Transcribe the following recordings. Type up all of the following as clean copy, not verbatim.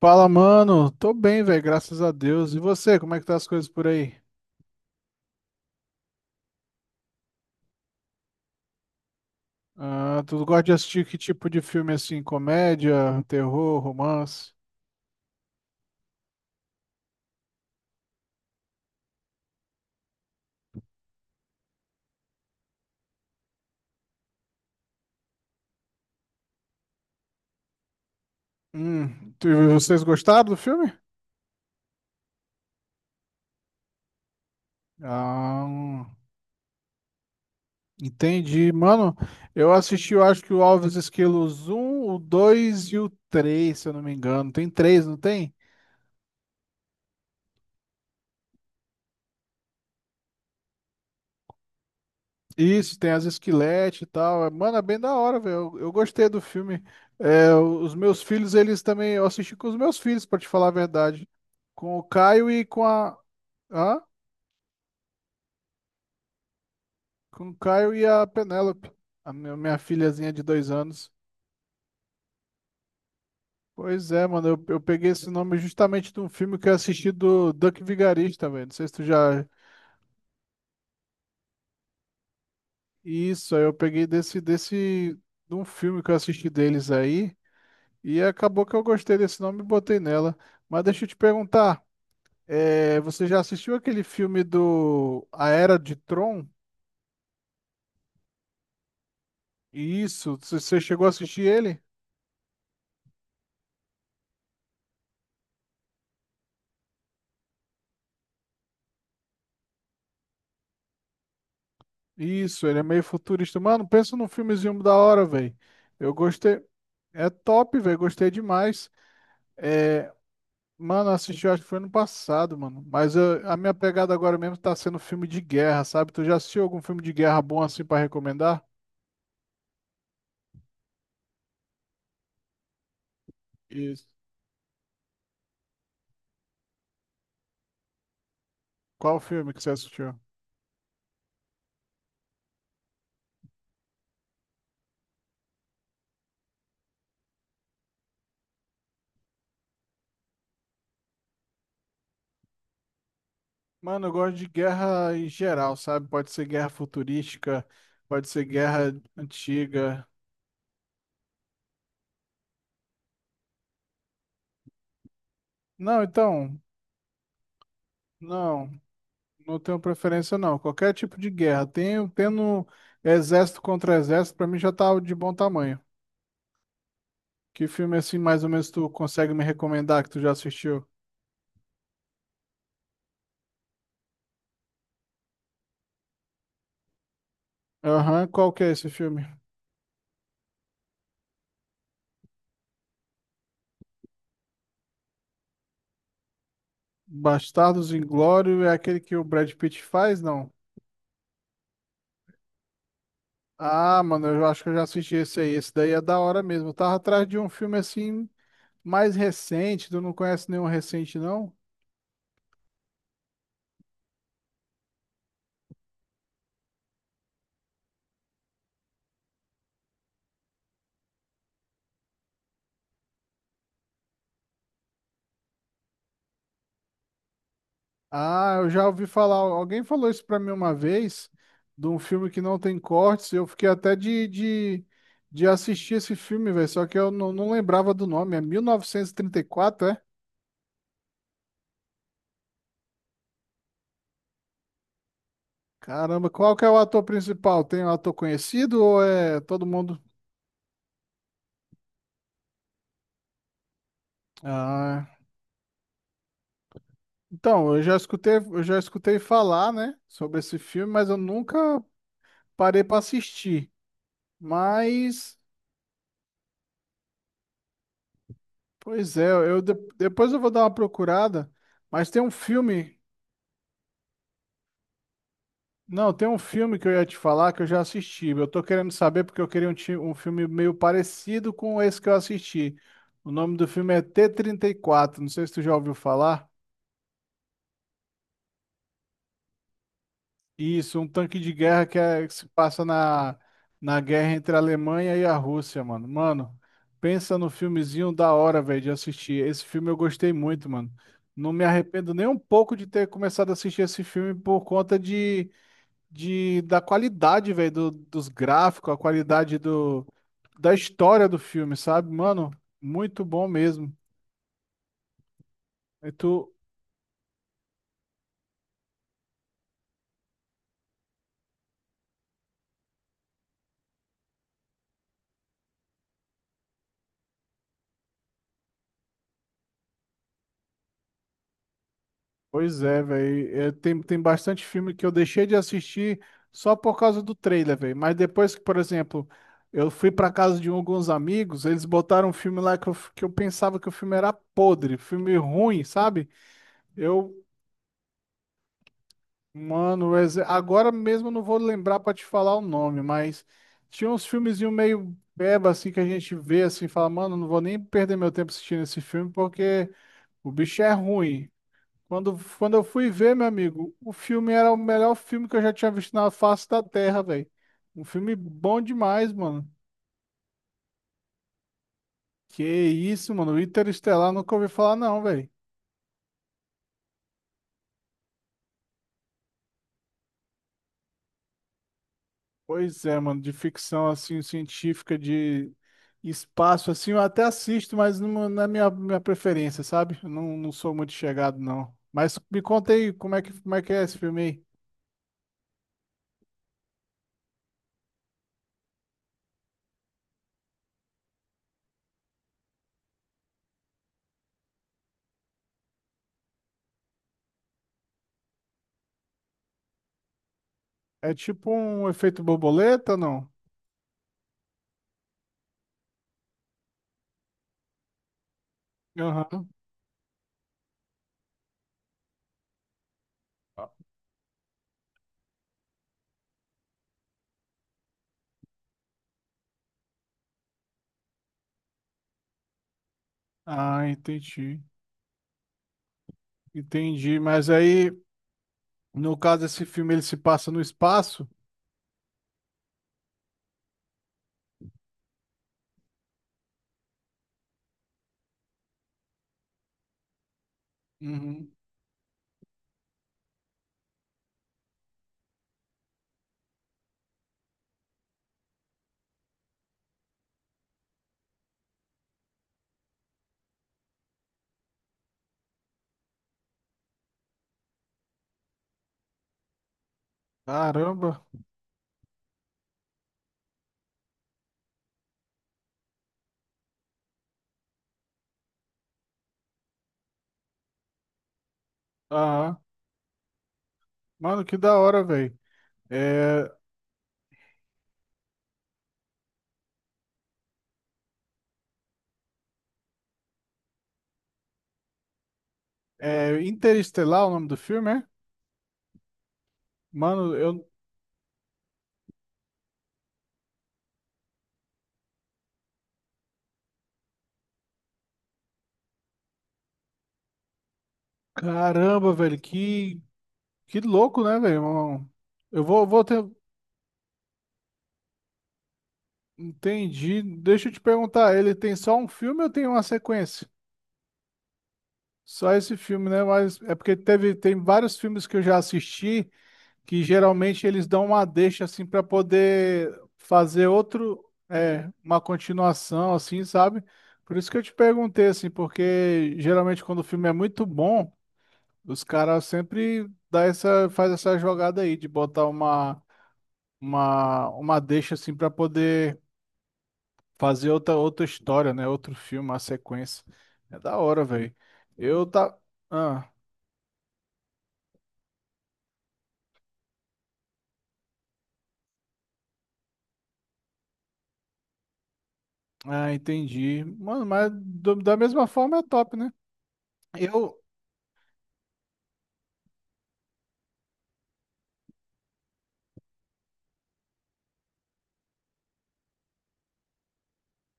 Fala, mano. Tô bem, velho, graças a Deus. E você, como é que tá as coisas por aí? Ah, tu gosta de assistir que tipo de filme assim? Comédia, terror, romance? Vocês gostaram do filme? Ah, entendi. Mano, eu assisti, eu acho que o Alves Esquilos um, o 2 e o 3, se eu não me engano. Tem três, não tem? Isso, tem as esqueletes e tal. É, Mano, é bem da hora, velho. Eu gostei do filme. É, os meus filhos, eles também. Eu assisti com os meus filhos, pra te falar a verdade. Com o Caio e com a. Hã? Com o Caio e a Penélope, a minha filhazinha de 2 anos. Pois é, mano. Eu peguei esse nome justamente de um filme que eu assisti do Duck Vigarista, velho. Não sei se tu já. Isso, aí eu peguei desse. De um filme que eu assisti deles aí. E acabou que eu gostei desse nome e botei nela. Mas deixa eu te perguntar, você já assistiu aquele filme do A Era de Tron? Isso, você chegou a assistir ele? Isso, ele é meio futurista. Mano, pensa num filmezinho da hora, velho. Eu gostei. É top, velho, gostei demais. Mano, eu assisti, eu acho que foi ano passado, mano. Mas a minha pegada agora mesmo tá sendo filme de guerra, sabe? Tu já assistiu algum filme de guerra bom assim pra recomendar? Isso. Qual filme que você assistiu? Mano, eu gosto de guerra em geral, sabe? Pode ser guerra futurística, pode ser guerra antiga. Não, então, não, não tenho preferência não. Qualquer tipo de guerra. Tendo exército contra exército, pra mim já tá de bom tamanho. Que filme assim, mais ou menos, tu consegue me recomendar que tu já assistiu? Aham, qual que é esse filme? Bastardos Inglórios é aquele que o Brad Pitt faz, não? Ah, mano, eu acho que eu já assisti esse aí. Esse daí é da hora mesmo. Eu tava atrás de um filme assim mais recente, tu não conhece nenhum recente, não? Ah, eu já ouvi falar. Alguém falou isso pra mim uma vez, de um filme que não tem cortes. Eu fiquei até de assistir esse filme, velho. Só que eu não, não lembrava do nome. É mil novecentos e trinta e quatro, é? Caramba, qual que é o ator principal? Tem um ator conhecido ou é todo mundo? Ah, então, eu já escutei falar, né, sobre esse filme, mas eu nunca parei pra assistir. Mas, pois é, eu depois eu vou dar uma procurada, mas tem um filme, não, tem um filme que eu ia te falar que eu já assisti. Eu tô querendo saber porque eu queria um filme meio parecido com esse que eu assisti. O nome do filme é T-34, não sei se tu já ouviu falar. Isso, um tanque de guerra que, que se passa na guerra entre a Alemanha e a Rússia, mano. Mano, pensa no filmezinho da hora, velho, de assistir. Esse filme eu gostei muito, mano. Não me arrependo nem um pouco de ter começado a assistir esse filme por conta de da qualidade, velho, dos gráficos, a qualidade da história do filme, sabe? Mano, muito bom mesmo. E tu- Pois é, velho. Tem bastante filme que eu deixei de assistir só por causa do trailer, velho. Mas depois que, por exemplo, eu fui pra casa de um, alguns amigos, eles botaram um filme lá que eu pensava que o filme era podre, filme ruim, sabe? Eu, mano, agora mesmo eu não vou lembrar pra te falar o nome, mas tinha uns filmezinhos meio beba assim que a gente vê assim, e fala, mano, não vou nem perder meu tempo assistindo esse filme porque o bicho é ruim. Quando eu fui ver, meu amigo, o filme era o melhor filme que eu já tinha visto na face da Terra, velho. Um filme bom demais, mano. Que isso, mano. Interestelar, nunca ouvi falar, não, velho. Pois é, mano. De ficção, assim, científica, de espaço, assim, eu até assisto, mas não, não é minha preferência, sabe? Eu não, não sou muito chegado, não. Mas me conta aí, como é que, como é que, é esse filme aí? É tipo um efeito borboleta, não? Aham. Ah, entendi. Entendi, mas aí. No caso, esse filme ele se passa no espaço. Uhum. Caramba. Ah, mano, que da hora, velho. É, é Interestelar o nome do filme, é? Mano, eu. Caramba, velho, que louco, né, velho? Eu vou ter. Entendi. Deixa eu te perguntar, ele tem só um filme ou tem uma sequência? Só esse filme, né? Mas é porque teve, tem vários filmes que eu já assisti, que geralmente eles dão uma deixa assim para poder fazer outro, é, uma continuação assim, sabe? Por isso que eu te perguntei assim, porque geralmente quando o filme é muito bom, os caras sempre dá essa, faz essa jogada aí de botar uma deixa assim para poder fazer outra história, né? Outro filme, uma sequência. É da hora, velho. Eu tá Ah, ah, entendi. Mano, mas da mesma forma é top, né? Eu,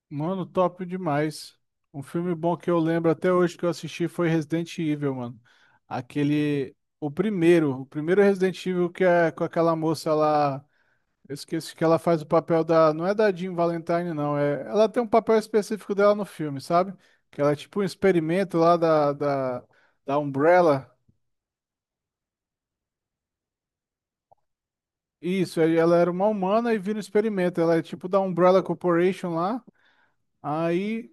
Mano, top demais. Um filme bom que eu lembro até hoje que eu assisti foi Resident Evil, mano. Aquele. O primeiro. O primeiro Resident Evil que é com aquela moça lá. Eu esqueci que ela faz o papel da. Não é da Jean Valentine, não. Ela tem um papel específico dela no filme, sabe? Que ela é tipo um experimento lá da Umbrella. Isso, aí ela era uma humana e vira um experimento. Ela é tipo da Umbrella Corporation lá. Aí.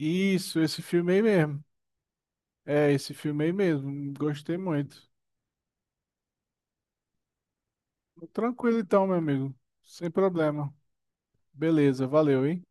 Isso, esse filme aí mesmo. É esse filme aí mesmo. Gostei muito. Tranquilo então, meu amigo. Sem problema. Beleza, valeu, hein?